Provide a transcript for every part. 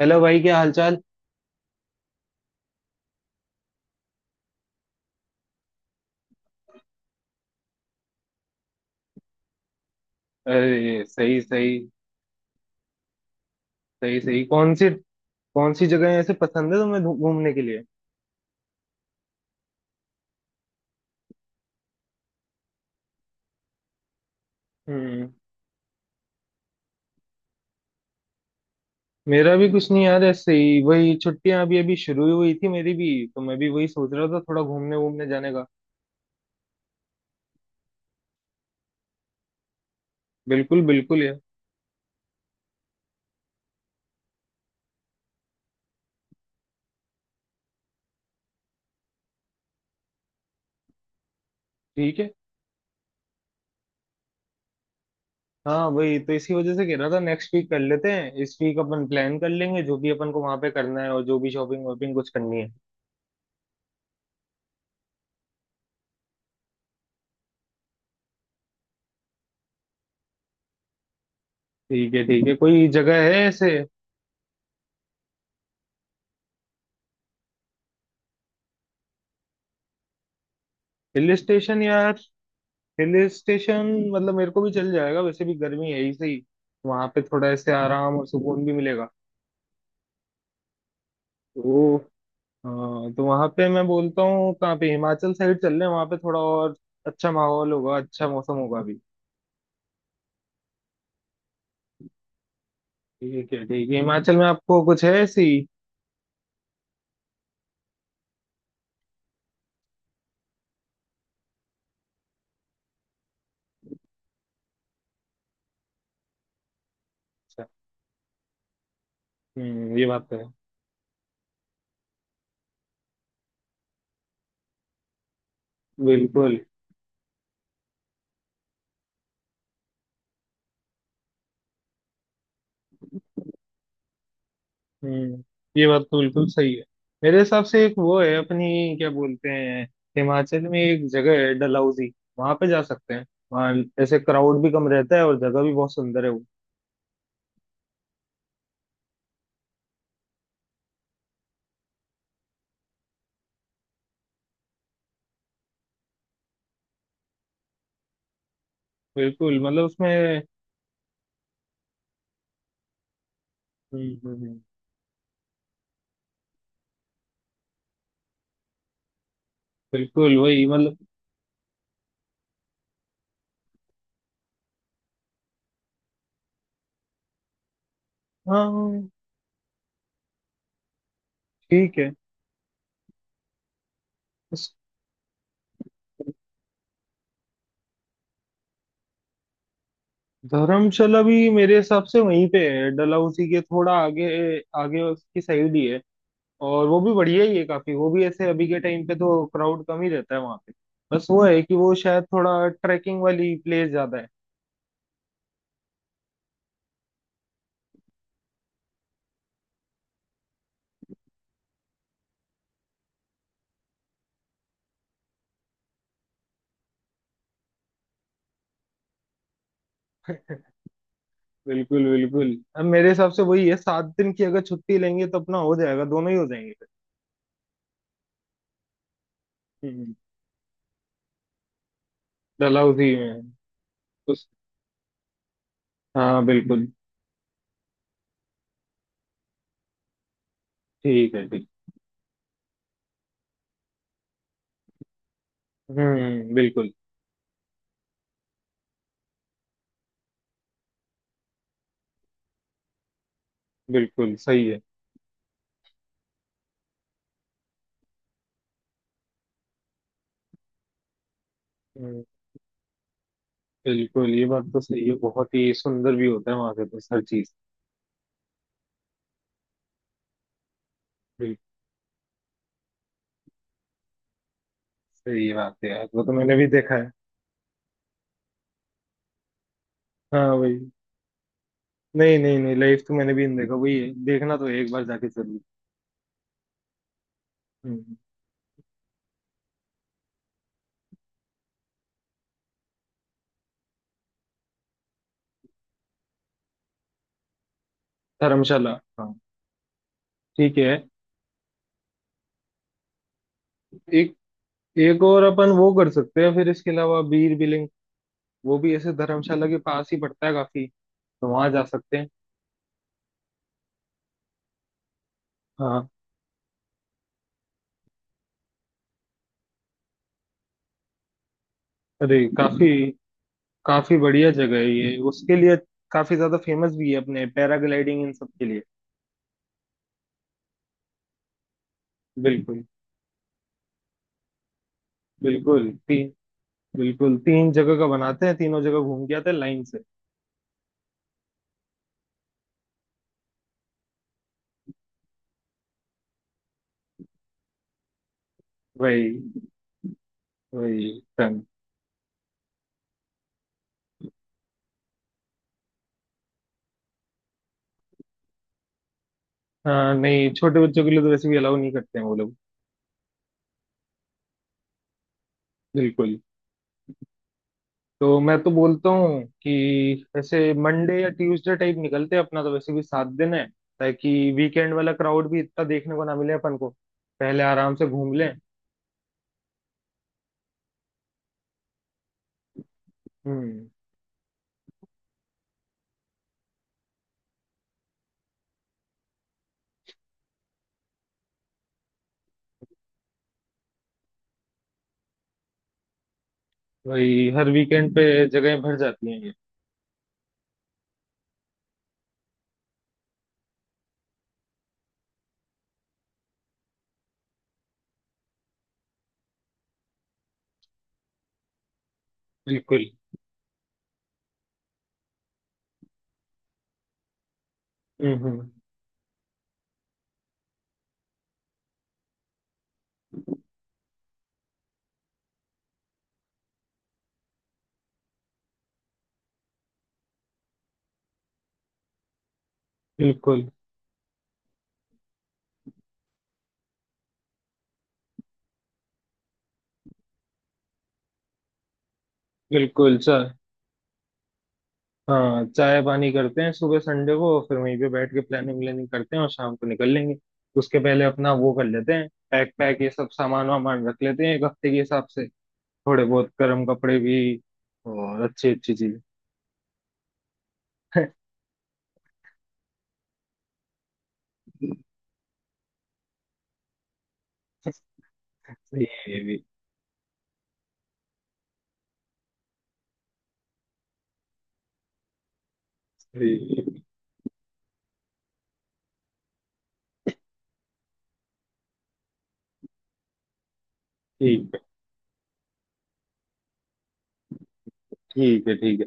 Hello भाई, क्या हालचाल। अरे सही सही। सही सही, कौन सी। कौन सी जगह ऐसे पसंद है तुम्हें घूमने के लिए। हम्म। मेरा भी कुछ नहीं यार, ऐसे ही वही छुट्टियां अभी अभी शुरू ही हुई थी मेरी भी। तो मैं भी वही सोच रहा था थोड़ा घूमने घूमने जाने का। बिल्कुल बिल्कुल यार। ठीक है। हाँ, वही तो इसी वजह से कह रहा था, नेक्स्ट वीक कर लेते हैं, इस वीक अपन प्लान कर लेंगे जो भी अपन को वहां पे करना है और जो भी शॉपिंग वॉपिंग कुछ करनी है। ठीक है ठीक है, कोई जगह है ऐसे। हिल स्टेशन या। Hill station. मतलब मेरे को भी चल जाएगा, वैसे भी गर्मी है ही सही। वहां पे थोड़ा ऐसे आराम और सुकून भी मिलेगा। तो। हाँ, तो वहां पे मैं बोलता हूँ कहाँ पे, हिमाचल साइड चल रहे हैं, वहां पे थोड़ा और अच्छा माहौल होगा, अच्छा मौसम होगा भी। ठीक है ठीक है, हिमाचल में आपको कुछ है ऐसी। अच्छा। हम्म, ये बात तो है। बिल्कुल। हम्म, ये बात तो बिल्कुल सही है। मेरे हिसाब से एक वो है अपनी, क्या बोलते हैं। हिमाचल में एक जगह है डलहौजी। वहां पे जा सकते हैं। वहाँ ऐसे क्राउड भी कम रहता है और जगह भी बहुत सुंदर है वो। बिल्कुल, मतलब उसमें। हम्म, हम्म। बिल्कुल वही, मतलब। हाँ। ठीक है। उस- धर्मशाला भी मेरे हिसाब से वहीं पे है, डलहौजी के थोड़ा आगे। आगे उसकी साइड ही है। और वो भी बढ़िया ही है काफी, वो भी ऐसे अभी के टाइम पे तो क्राउड कम ही रहता है वहां पे। बस वो है कि वो शायद थोड़ा ट्रैकिंग वाली प्लेस ज्यादा है। बिल्कुल बिल्कुल। अब मेरे हिसाब से वही है, 7 दिन की अगर छुट्टी लेंगे तो अपना हो जाएगा, दोनों ही हो जाएंगे फिर। हम्म। डलहौजी में है। उस। हाँ बिल्कुल। ठीक है ठीक। हम्म, बिल्कुल। बिल्कुल सही है। हम्म, बिल्कुल, ये बात तो सही है, बहुत ही सुंदर भी होता है वहां पे तो हर चीज। बिल्कुल। सही बात है यार, वो तो मैंने भी देखा है। हाँ भाई। नहीं नहीं नहीं, लाइफ तो मैंने भी नहीं देखा, वही है, देखना तो है एक बार जाके जरूर। हम्म, धर्मशाला। हाँ। ठीक है। एक। एक और अपन वो कर सकते हैं फिर इसके अलावा बीर बिलिंग। वो भी ऐसे धर्मशाला के पास ही पड़ता है काफी। तो वहां जा सकते हैं। हाँ। अरे काफी। काफी बढ़िया जगह है ये उसके लिए। काफी ज्यादा फेमस भी है अपने पैराग्लाइडिंग इन सब के लिए। बिल्कुल। बिल्कुल तीन। बिल्कुल, तीन जगह का बनाते हैं, तीनों जगह घूम के आते हैं लाइन से। वही। वही। डन। हाँ नहीं, छोटे बच्चों के लिए तो वैसे भी अलाउ नहीं करते हैं वो लोग। बिल्कुल। तो मैं तो बोलता हूँ कि ऐसे मंडे या ट्यूसडे टाइप निकलते हैं, अपना तो वैसे भी 7 दिन है। ताकि वीकेंड वाला क्राउड भी इतना देखने को ना मिले अपन को, पहले आराम से घूम लें। हम्म। वही हर वीकेंड पे जगहें भर जाती हैं ये। बिल्कुल। हम्म। बिल्कुल। बिल्कुल सर। हाँ, चाय पानी करते हैं सुबह संडे को, फिर वहीं पे बैठ के प्लानिंग व्लानिंग करते हैं और शाम को निकल लेंगे। उसके पहले अपना वो कर लेते हैं, पैक पैक ये सब सामान वामान रख लेते हैं एक हफ्ते के हिसाब से। थोड़े बहुत गर्म कपड़े भी। और अच्छी अच्छी चीजें। सही है ये भी। सही है। ठीक है। ठीक है। ठीक है।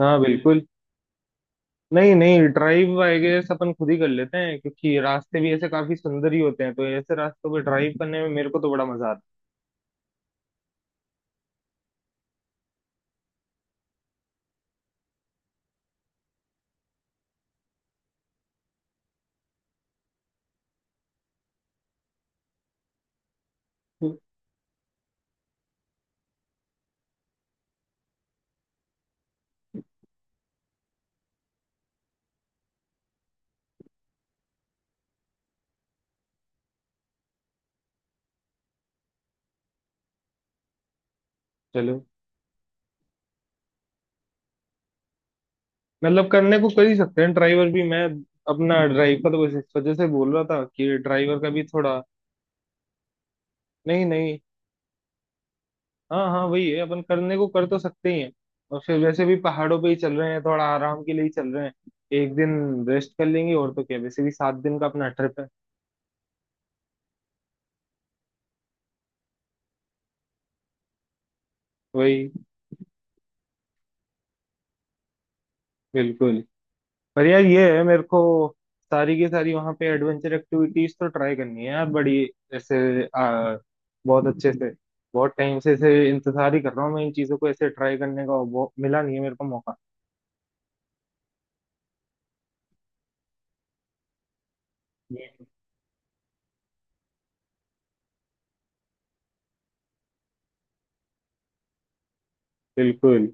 हाँ बिल्कुल। नहीं नहीं, ड्राइव आई गेस अपन खुद ही कर लेते हैं, क्योंकि रास्ते भी ऐसे काफी सुंदर ही होते हैं तो ऐसे रास्तों पे ड्राइव करने में मेरे को तो बड़ा मजा आता है। चलो। मतलब करने को कर ही सकते हैं ड्राइवर भी, मैं अपना ड्राइव का तो बस इस वजह से बोल रहा था कि ड्राइवर का भी थोड़ा। नहीं नहीं। हाँ हाँ, वही है, अपन करने को कर तो सकते ही हैं। और फिर वैसे भी पहाड़ों पे ही चल रहे हैं, थोड़ा आराम के लिए ही चल रहे हैं। एक दिन रेस्ट कर लेंगे, और तो क्या, वैसे भी 7 दिन का अपना ट्रिप है। वही। बिल्कुल। पर यार ये है, मेरे को सारी की सारी वहां पे एडवेंचर एक्टिविटीज तो ट्राई करनी है यार बड़ी ऐसे, बहुत अच्छे से। बहुत टाइम से ऐसे इंतजार ही कर रहा हूँ मैं इन चीजों को ऐसे ट्राई करने का और वो मिला नहीं है मेरे को मौका। बिल्कुल।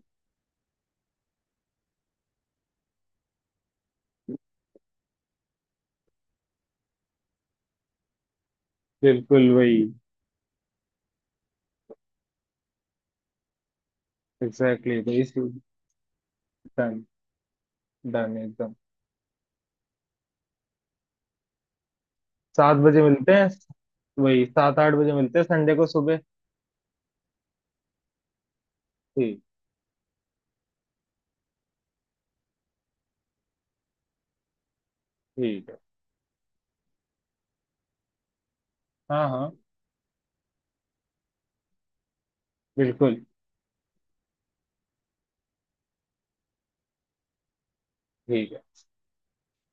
बिल्कुल वही। एग्जैक्टली वही। डन। डन एकदम। 7 बजे मिलते हैं। वही 7-8 बजे मिलते हैं संडे को सुबह। ठीक। ठीक है। हाँ हाँ बिल्कुल। ठीक है।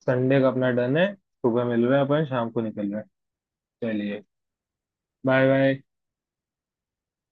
संडे का अपना डन है, सुबह मिल रहे हैं अपन, शाम को निकल रहे हैं। चलिए। Bye bye.